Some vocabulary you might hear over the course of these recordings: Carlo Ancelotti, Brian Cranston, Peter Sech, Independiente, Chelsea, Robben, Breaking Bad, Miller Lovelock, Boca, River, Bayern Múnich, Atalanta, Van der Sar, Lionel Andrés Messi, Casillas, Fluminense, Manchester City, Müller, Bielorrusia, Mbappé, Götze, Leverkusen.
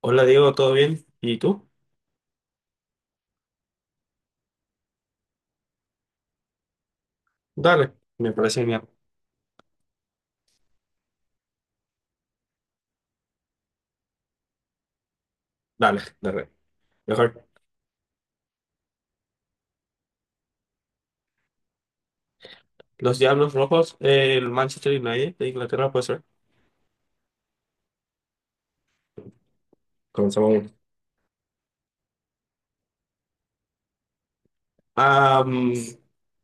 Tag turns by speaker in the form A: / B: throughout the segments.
A: Hola Diego, ¿todo bien? ¿Y tú? Dale, me parece bien. Dale, dale. Mejor. Los Diablos Rojos, el Manchester United de Inglaterra, puede ser. Comenzamos. Uno. Ah, mm,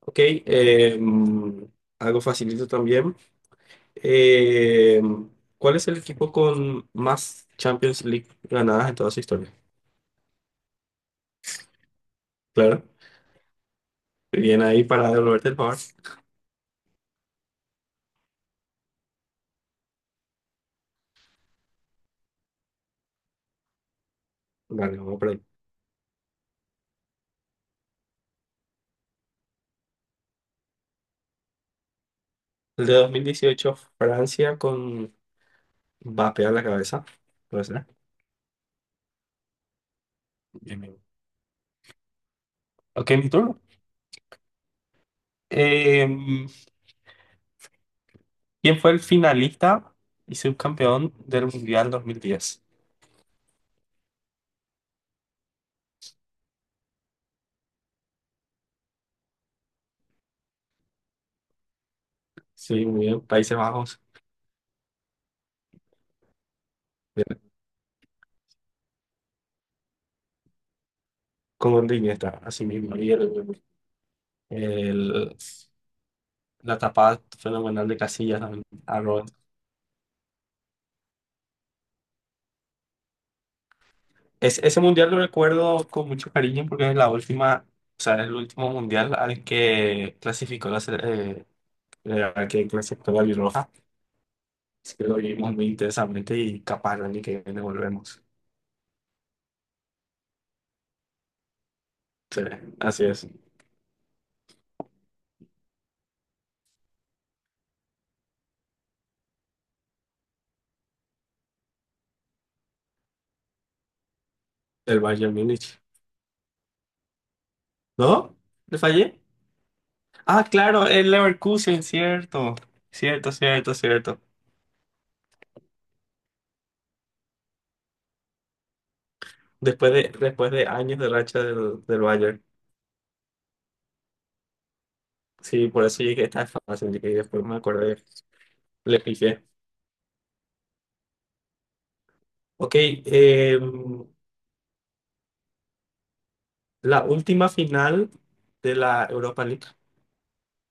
A: ok, algo facilito también. Eh, ¿Cuál es el equipo con más Champions League ganadas en toda su historia? Claro, bien ahí para devolverte el favor. Dale, vamos por ahí. El de 2018 Francia con Mbappé a la cabeza, puede ser. Bien, bien. Ok, mi turno. Em, ¿Quién fue el finalista y subcampeón del Mundial 2010? Sí, muy bien. Países Bajos. Como en está, así mismo. El- la tapada fenomenal de Casillas también, a Robben. Ese mundial lo recuerdo con mucho cariño porque es la última, o sea, es el último mundial al que clasificó al que clasificó la Bielorrusia. Así que lo vivimos muy intensamente y capaz, ni que viene volvemos. Sí, así es. El Bayern Múnich. ¿No? ¿Le fallé? Ah, claro, el Leverkusen, cierto. Cierto, cierto, cierto. Después de años de racha del Bayern. Sí, por eso llegué tan fácil. Llegué y después me acordé. Le pifié. Ok, la última final de la Europa League.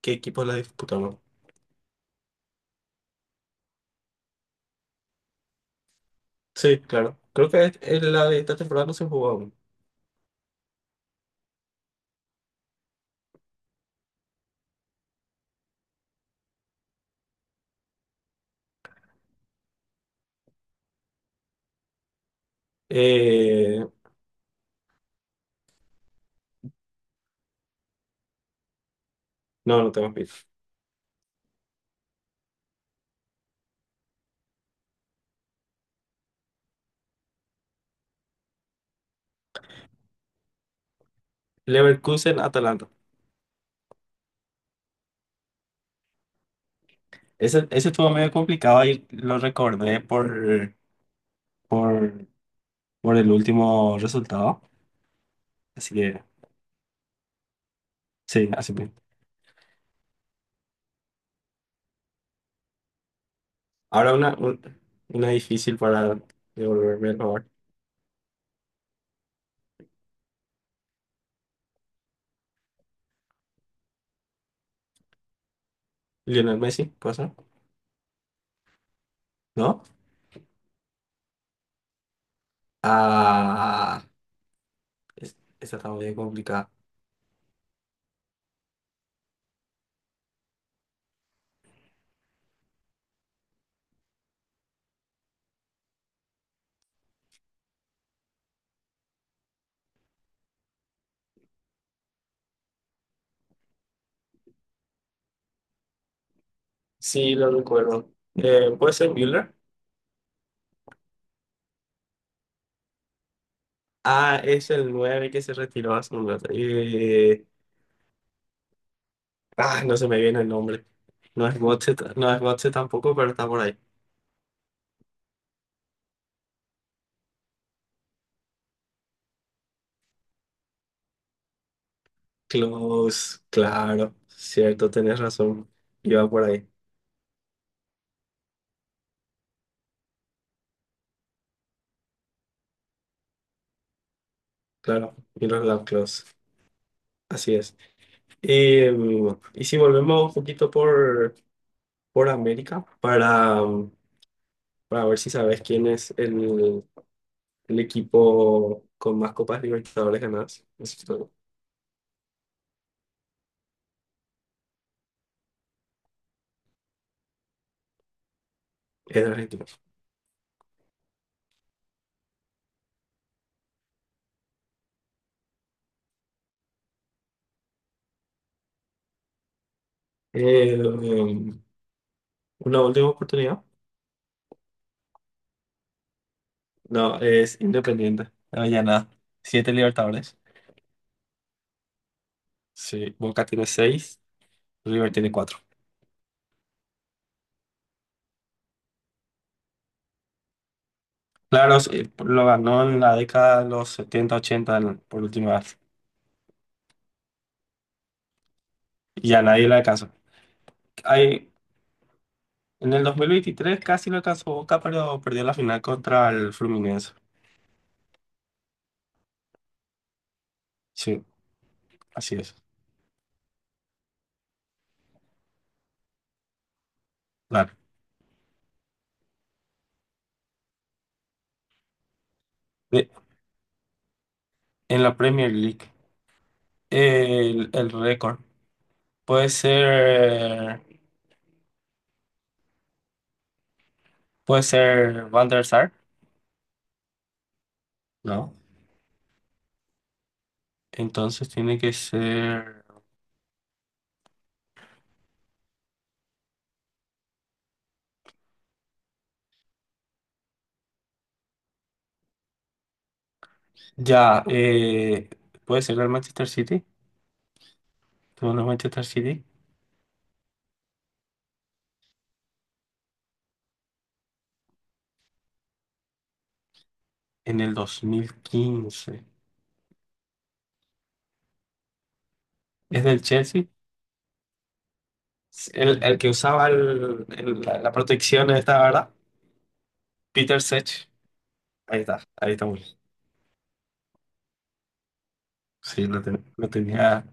A: ¿Qué equipos la disputaron? Sí, claro. Creo que es la de esta temporada no se jugó aún. Eh, no, no tengo pif. Leverkusen, Atalanta. Ese estuvo medio complicado y lo recordé por, por el último resultado. Así que, sí, así mismo. Ahora una, una difícil para devolverme el favor. Lionel Messi, cosa, ¿no? Ah, esta está muy complicada. Sí, lo recuerdo. ¿Puede ser Müller? Ah, es el nueve que se retiró hace un rato. No se me viene el nombre. No es Götze, no es Götze tampoco, pero está por ahí. Close, claro, cierto, tenés razón. Iba por ahí. Claro, Miller Lovelock, así es. Y si volvemos un poquito por América para ver si sabes quién es el equipo con más Copas Libertadores ganadas. Es todo. Es de Argentina. Eh, mm, una última oportunidad. No, es Independiente. No, ya nada. Siete Libertadores. Sí, Boca tiene seis, River tiene cuatro. Claro, sí, lo ganó en la década de los 70 80 por última vez. Y a nadie le alcanzó. Ahí, en el 2023 casi lo alcanzó Boca, pero perdió la final contra el Fluminense. Sí, así es. Claro. De- en la Premier League. El récord. Puede ser. Puede ser Van der Sar. No. Entonces tiene que ser. Ya, puede ser el Manchester City. Tuvo el Manchester City en el 2015. ¿Es del Chelsea? El que usaba la protección esta, ¿verdad? Peter Sech. Ahí está, ahí estamos. Sí, lo tenía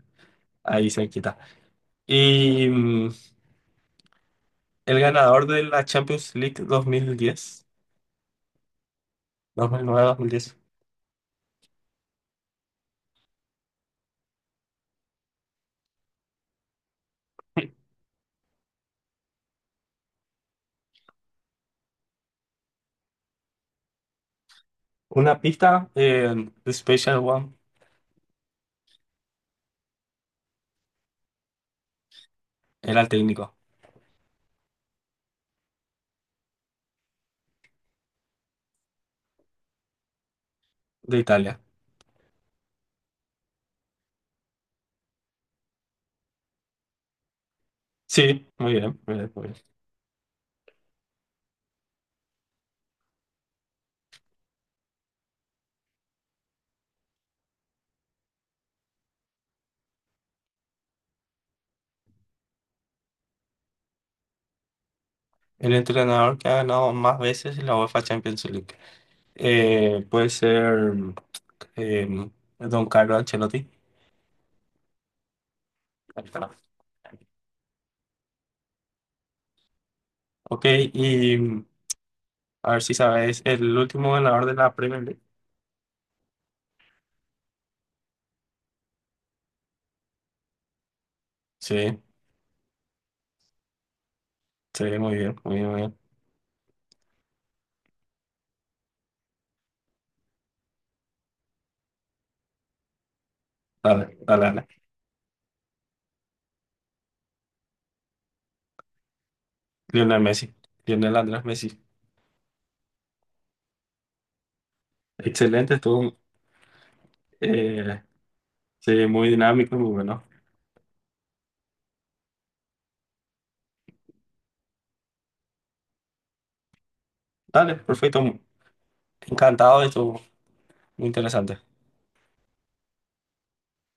A: ahí cerquita. Y mm, ¿El ganador de la Champions League dos mil diez, nueve dos mil nueve-dos mil diez? Una pista, The Special One, era el técnico de Italia. Sí, muy bien, muy bien, muy bien. El entrenador que ha ganado más veces la UEFA Champions League. Puede ser eh, Don Carlo Ancelotti. Ahí está. Ok, y mm, a ver si sabes, el último ganador de la Premier League. Sí, sí, muy bien, muy bien, muy bien. Dale, dale, dale. Lionel Messi, Lionel Andrés Messi. Excelente, estuvo eh, sí, muy dinámico, muy bueno. Dale, perfecto. Encantado de esto, muy interesante.